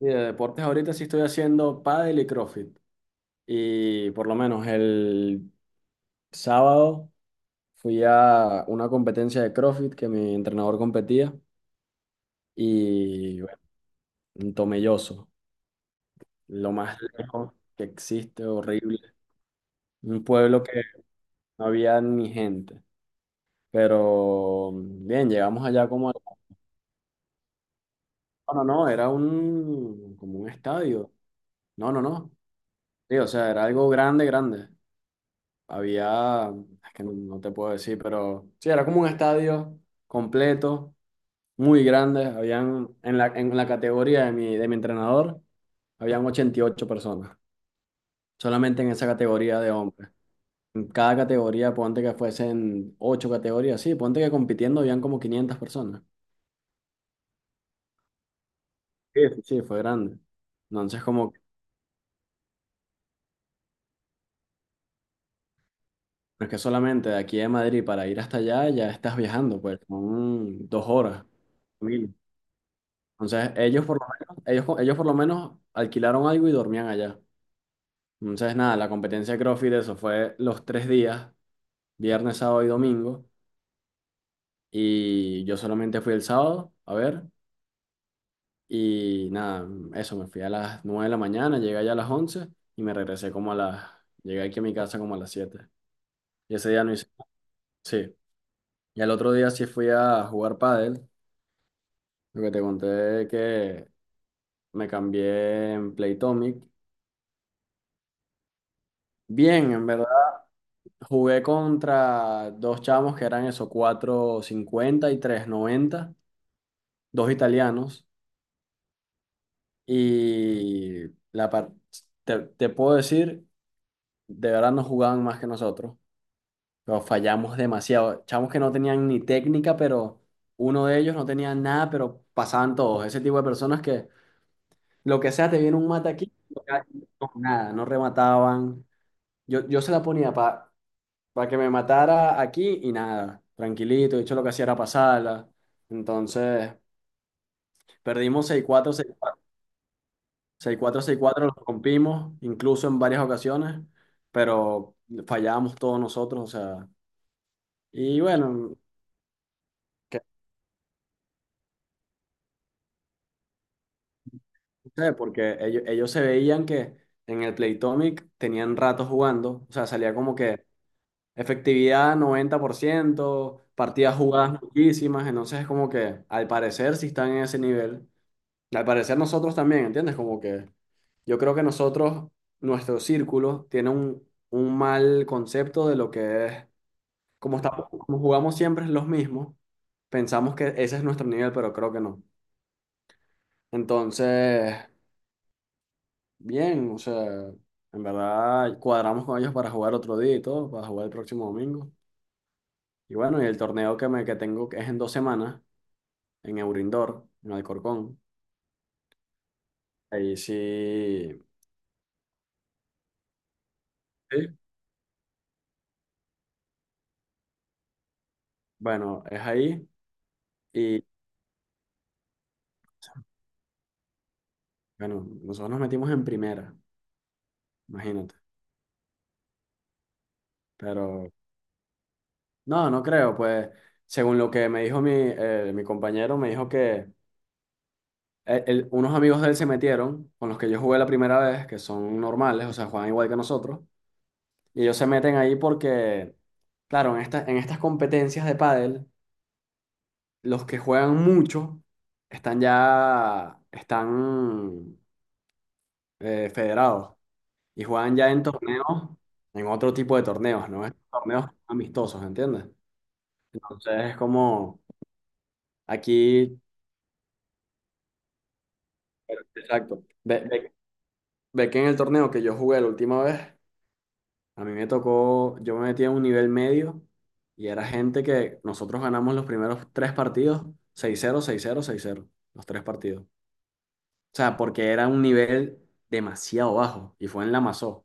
Sí, de deportes ahorita sí estoy haciendo pádel y CrossFit. Y por lo menos el sábado fui a una competencia de CrossFit que mi entrenador competía y bueno, en Tomelloso, lo más lejos que existe, horrible. Un pueblo que no había ni gente. Pero bien, llegamos allá como... No, no, no, era un, como un estadio. No, no, no. Sí, o sea, era algo grande, grande. Había, es que no, no te puedo decir, pero sí, era como un estadio completo, muy grande. Habían, en la categoría de mi entrenador, habían 88 personas, solamente en esa categoría de hombres. En cada categoría, ponte que fuesen 8 categorías, sí, ponte que compitiendo habían como 500 personas. Sí, sí, fue grande. Entonces, como, no es que solamente de aquí de Madrid para ir hasta allá, ya estás viajando, pues, son dos horas. Entonces, ellos por lo menos, ellos por lo menos alquilaron algo y dormían allá. Entonces, nada, la competencia de CrossFit, eso fue los tres días, viernes, sábado y domingo. Y yo solamente fui el sábado a ver. Y nada, eso, me fui a las 9 de la mañana, llegué allá a las 11 y me regresé como a las... Llegué aquí a mi casa como a las siete. Y ese día no hice... Sí. Y al otro día sí fui a jugar pádel. Lo que te conté que me cambié en Playtomic. Bien, en verdad jugué contra dos chamos que eran eso, 4,50 y 3,90, dos italianos, y la par- te puedo decir, de verdad no jugaban más que nosotros, pero fallamos demasiado. Chamos que no tenían ni técnica, pero uno de ellos no tenía nada, pero pasaban todos. Ese tipo de personas que lo que sea, te viene un mata aquí, no, nada, no remataban. Yo se la ponía para que me matara aquí y nada, tranquilito, de hecho lo que hacía era pasarla. Entonces, perdimos 6-4, 6 4, 6-4, 6-4, los rompimos, incluso en varias ocasiones, pero fallábamos todos nosotros, o sea, y bueno, que no sé, porque ellos se veían que en el Playtomic tenían rato jugando, o sea, salía como que efectividad 90% partidas jugadas muchísimas, entonces es como que al parecer si están en ese nivel. Al parecer nosotros también, ¿entiendes? Como que yo creo que nosotros, nuestro círculo, tiene un mal concepto de lo que es, como estamos, como jugamos siempre los mismos, pensamos que ese es nuestro nivel, pero creo que no. Entonces, bien, o sea, en verdad cuadramos con ellos para jugar otro día y todo, para jugar el próximo domingo. Y bueno, y el torneo que tengo que es en dos semanas, en Eurindor, en Alcorcón. Ahí sí, sí, bueno, es ahí. Bueno, nosotros nos metimos en primera, imagínate. Pero no, no creo, pues según lo que me dijo mi, mi compañero, me dijo que unos amigos de él se metieron, con los que yo jugué la primera vez, que son normales, o sea, juegan igual que nosotros, y ellos se meten ahí porque, claro, en estas competencias de pádel, los que juegan mucho están ya, están federados y juegan ya en torneos, en otro tipo de torneos, ¿no? Estos torneos amistosos, ¿entiendes? Entonces es como aquí, exacto. Ve que en el torneo que yo jugué la última vez, a mí me tocó, yo me metí a un nivel medio y era gente que nosotros ganamos los primeros tres partidos, 6-0, 6-0, 6-0 los tres partidos. O sea, porque era un nivel demasiado bajo y fue en la Masó.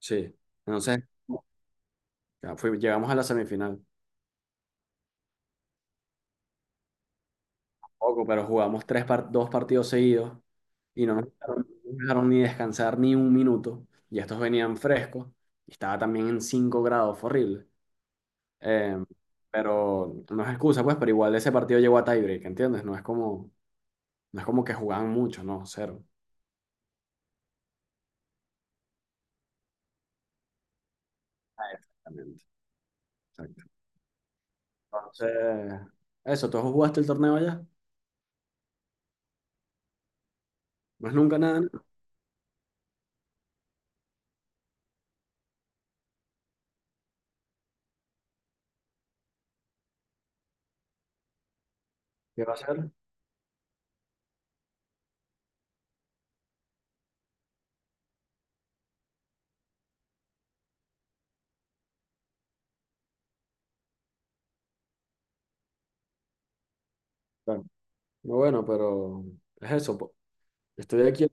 Sí. Entonces, llegamos a la semifinal. Poco, pero jugamos dos partidos seguidos y no me dejaron ni descansar ni un minuto. Y estos venían frescos. Y estaba también en 5 grados, fue horrible. Eh, pero no es excusa, pues, pero igual ese partido llegó a tiebreak, ¿entiendes? No es como que jugaban mucho, no, cero. Ah, exactamente. Exacto. Entonces, eso, ¿tú jugaste el torneo allá? No es nunca nada, ¿no? ¿Qué va a ser? Claro. No, bueno, pero es eso, po. Estoy aquí.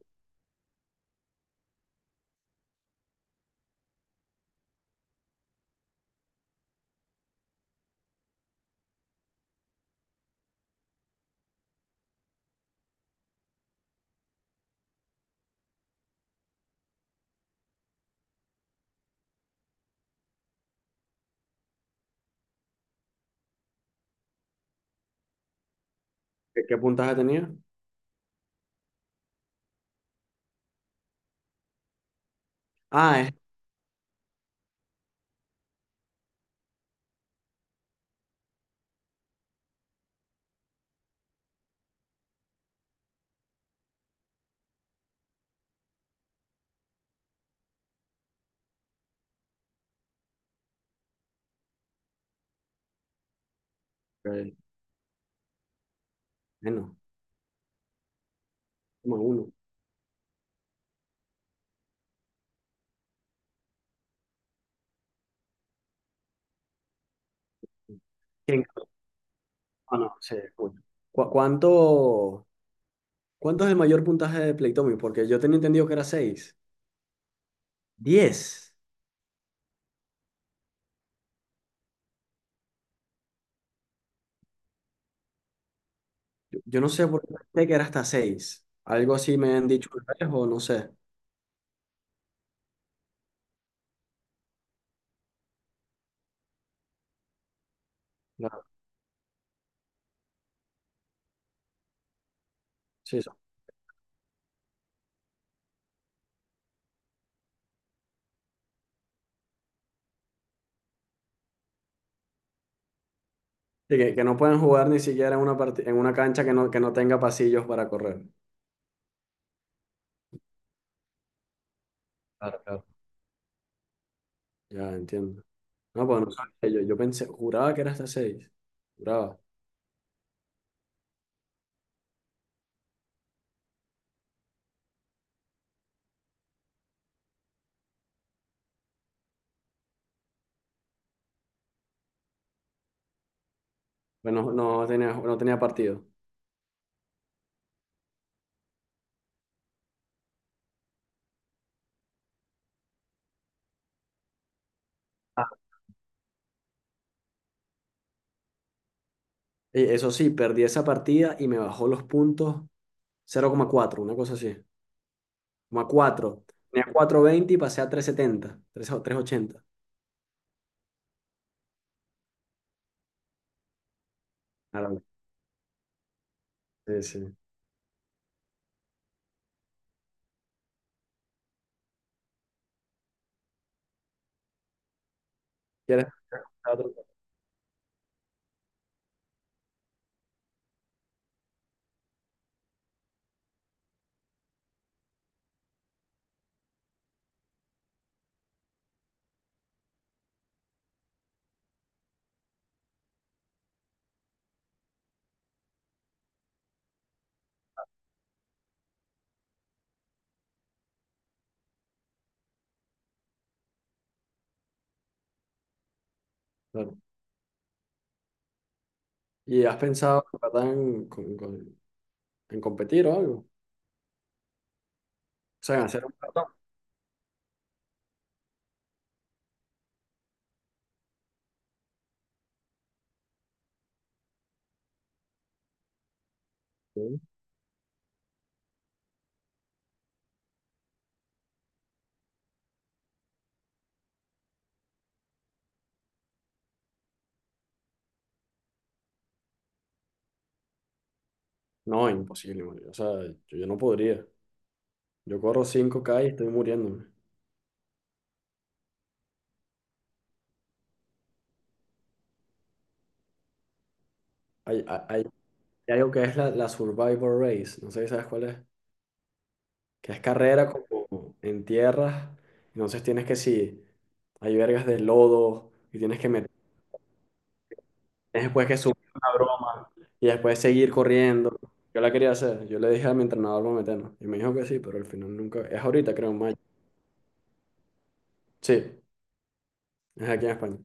¿Qué, qué puntaje tenía? Ah, es. Ok. Bueno, como uno. ¿Quién... Ah, no, sí, coño. ¿Cu- cuánto, cuánto es el mayor puntaje de Plectomy? Porque yo tenía entendido que era seis, diez. Yo no sé por qué pensé que era hasta seis. Algo así me han dicho una vez o no sé. Claro, sí, eso. Sí, que no pueden jugar ni siquiera en una, en una cancha que no tenga pasillos para correr. Claro, claro. Ya, entiendo. No, pues no sabía, yo pensé, juraba que era hasta seis. Juraba. Bueno, no tenía, no tenía partido. Ah. Y eso sí, perdí esa partida y me bajó los puntos 0,4, una cosa así, como a 4. Tenía 4,20 y pasé a 3,70 tres o 3,80. Claro, sí, sí. ¿Quieres? Claro, claro. ¿Y has pensado, verdad, en, en competir o algo? O sea, en hacer un maratón. Sí. No, imposible, marico. O sea, yo no podría. Yo corro cinco k y estoy muriéndome. Hay, hay, hay- hay algo que es la Survivor Race. No sé si sabes cuál es. Que es carrera como en tierras. Entonces tienes que, sí, hay vergas de lodo y tienes que meter. Tienes después que subir una broma y después seguir corriendo. Yo la quería hacer, yo le dije a mi entrenador vamos a meternos y me dijo que sí, pero al final nunca, es ahorita creo en mayo. Sí, es aquí en España.